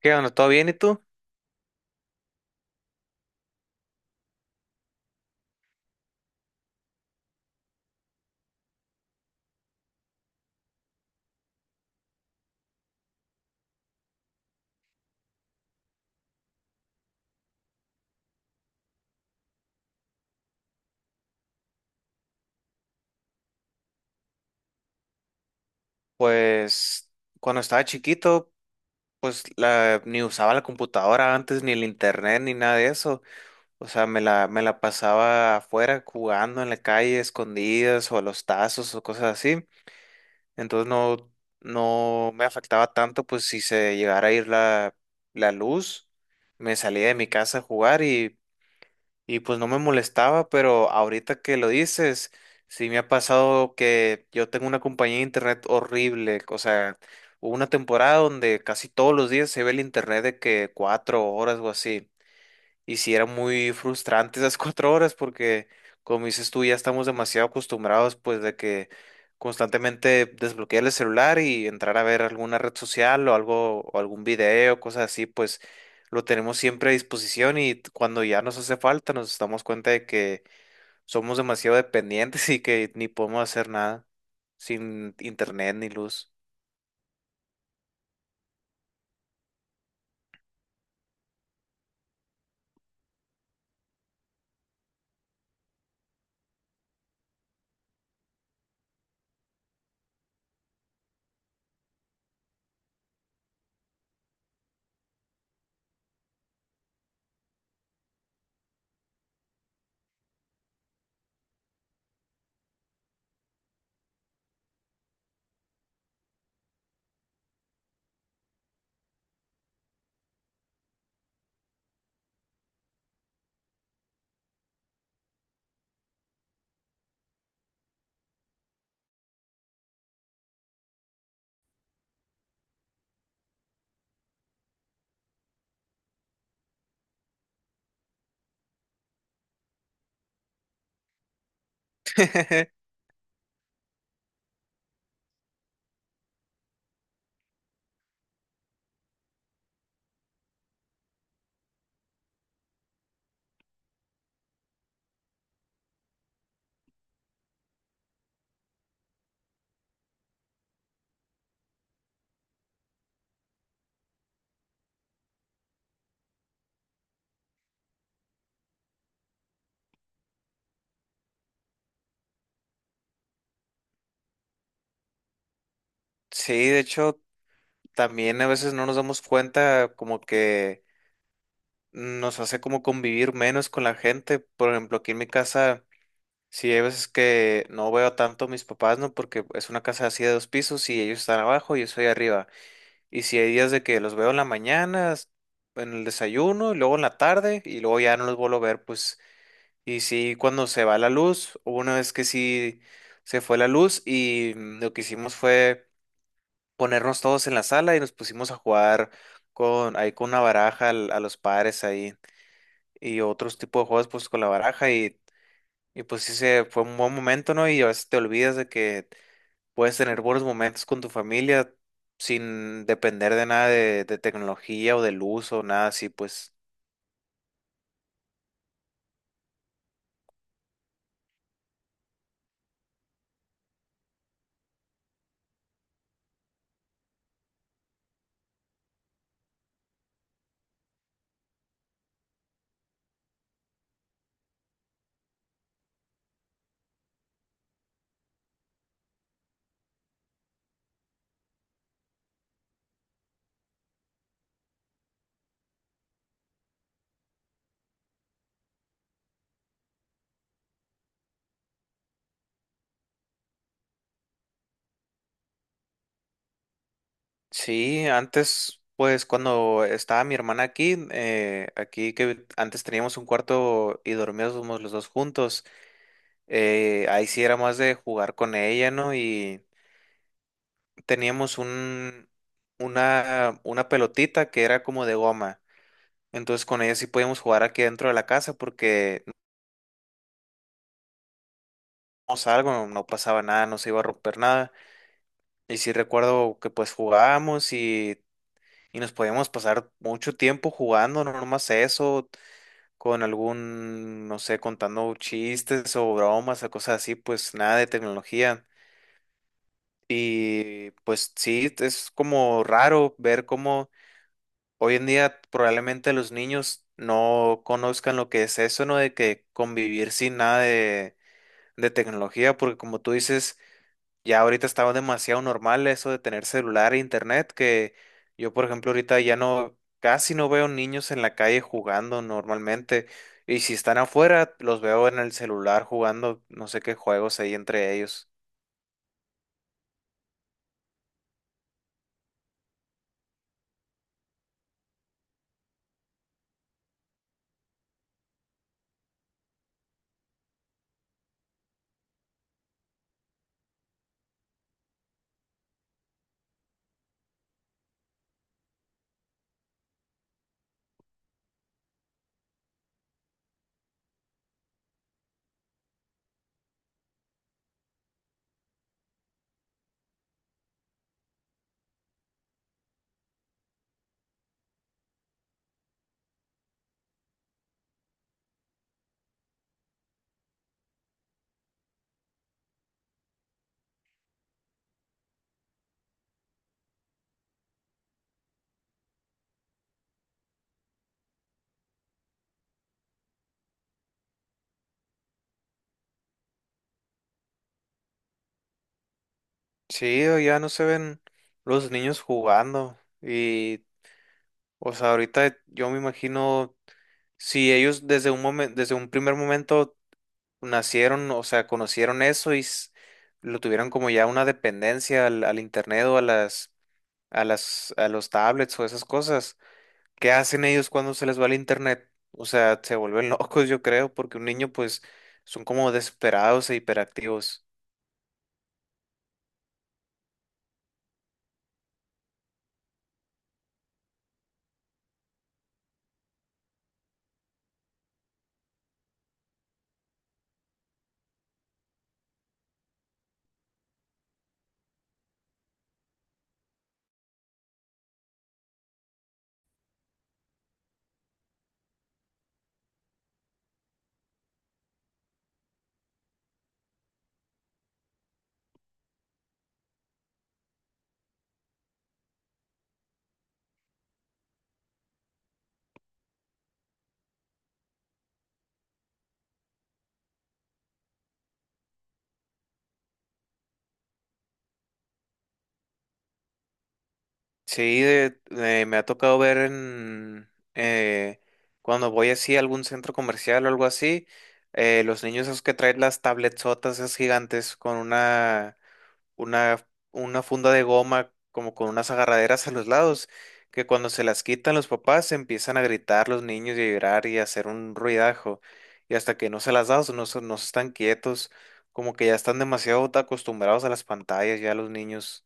¿Qué onda? ¿Todo bien y tú? Pues cuando estaba chiquito, pues ni usaba la computadora antes, ni el internet, ni nada de eso. O sea, me la pasaba afuera jugando en la calle, escondidas, o a los tazos, o cosas así. Entonces no, no me afectaba tanto, pues si se llegara a ir la luz, me salía de mi casa a jugar. Y pues no me molestaba, pero ahorita que lo dices, sí me ha pasado que yo tengo una compañía de internet horrible. O sea, hubo una temporada donde casi todos los días se ve el internet de que cuatro horas o así. Y sí, era muy frustrante esas cuatro horas porque, como dices tú, ya estamos demasiado acostumbrados, pues de que constantemente desbloquear el celular y entrar a ver alguna red social o algo, o algún video, cosas así, pues lo tenemos siempre a disposición, y cuando ya nos hace falta nos damos cuenta de que somos demasiado dependientes y que ni podemos hacer nada sin internet ni luz. Sí, de hecho, también a veces no nos damos cuenta como que nos hace como convivir menos con la gente. Por ejemplo, aquí en mi casa, sí hay veces que no veo tanto a mis papás, ¿no? Porque es una casa así de dos pisos y ellos están abajo y yo estoy arriba. Y si hay días de que los veo en la mañana, en el desayuno, y luego en la tarde, y luego ya no los vuelvo a ver, pues. Y sí, cuando se va la luz, hubo una vez que sí se fue la luz y mm, lo que hicimos fue ponernos todos en la sala, y nos pusimos a jugar con, ahí con una baraja, a los padres ahí, y otros tipos de juegos pues con la baraja. Y, y pues sí, se fue un buen momento, ¿no? Y a veces te olvidas de que puedes tener buenos momentos con tu familia sin depender de nada de, de tecnología o del uso, nada así, pues sí. Antes pues cuando estaba mi hermana aquí, aquí que antes teníamos un cuarto y dormíamos los dos juntos, ahí sí era más de jugar con ella, ¿no? Y teníamos un... una pelotita que era como de goma. Entonces con ella sí podíamos jugar aquí dentro de la casa porque no salgo, no, no pasaba nada, no se iba a romper nada. Y sí recuerdo que pues jugábamos, y nos podíamos pasar mucho tiempo jugando, no nomás eso, con algún, no sé, contando chistes o bromas o cosas así, pues nada de tecnología. Y pues sí, es como raro ver cómo hoy en día probablemente los niños no conozcan lo que es eso, ¿no? De que convivir sin nada de tecnología, porque como tú dices, ya ahorita estaba demasiado normal eso de tener celular e internet, que yo, por ejemplo, ahorita ya no, casi no veo niños en la calle jugando normalmente, y si están afuera, los veo en el celular jugando, no sé qué juegos hay entre ellos. Sí, o ya no se ven los niños jugando, y, o sea, ahorita yo me imagino, si ellos desde un momento, desde un primer momento nacieron, o sea, conocieron eso y lo tuvieron como ya una dependencia al internet o a a las, a los tablets o esas cosas. ¿Qué hacen ellos cuando se les va el internet? O sea, se vuelven locos, yo creo, porque un niño, pues, son como desesperados e hiperactivos. Sí, me ha tocado ver en eh, cuando voy así a algún centro comercial o algo así, los niños esos que traen las tabletzotas esas gigantes con una, una funda de goma como con unas agarraderas a los lados, que cuando se las quitan los papás empiezan a gritar los niños y a llorar y a hacer un ruidajo. Y hasta que no se las das, no, no se están quietos, como que ya están demasiado acostumbrados a las pantallas ya los niños.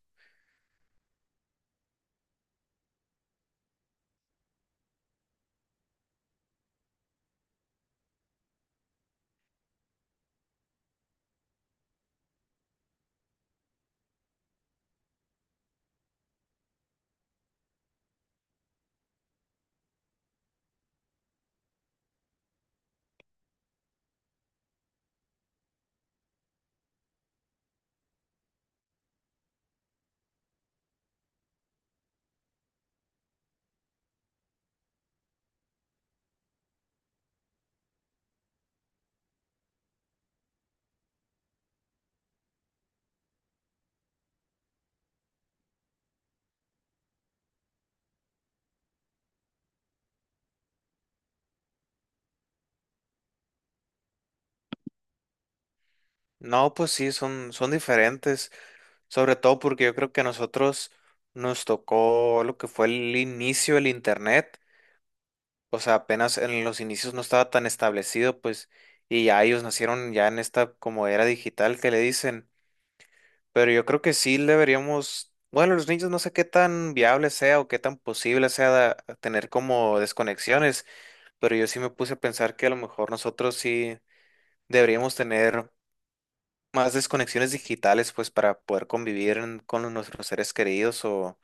No, pues sí, son, son diferentes, sobre todo porque yo creo que a nosotros nos tocó lo que fue el inicio del internet. O sea, apenas en los inicios no estaba tan establecido, pues, y ya ellos nacieron ya en esta como era digital que le dicen, pero yo creo que sí deberíamos, bueno, los niños no sé qué tan viable sea o qué tan posible sea tener como desconexiones, pero yo sí me puse a pensar que a lo mejor nosotros sí deberíamos tener más desconexiones digitales, pues, para poder convivir con nuestros seres queridos, o,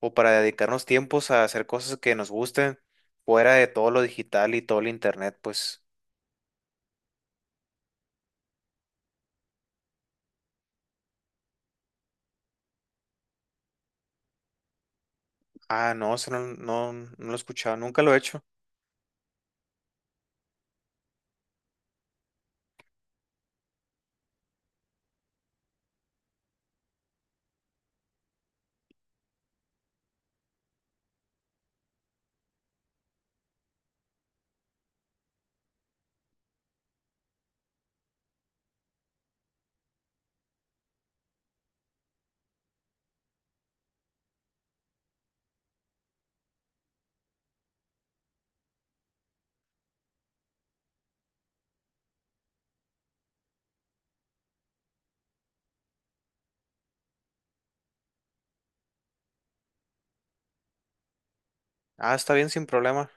o para dedicarnos tiempos a hacer cosas que nos gusten fuera de todo lo digital y todo el internet, pues. Ah, no, eso no, no, no lo he escuchado, nunca lo he hecho. Ah, está bien, sin problema.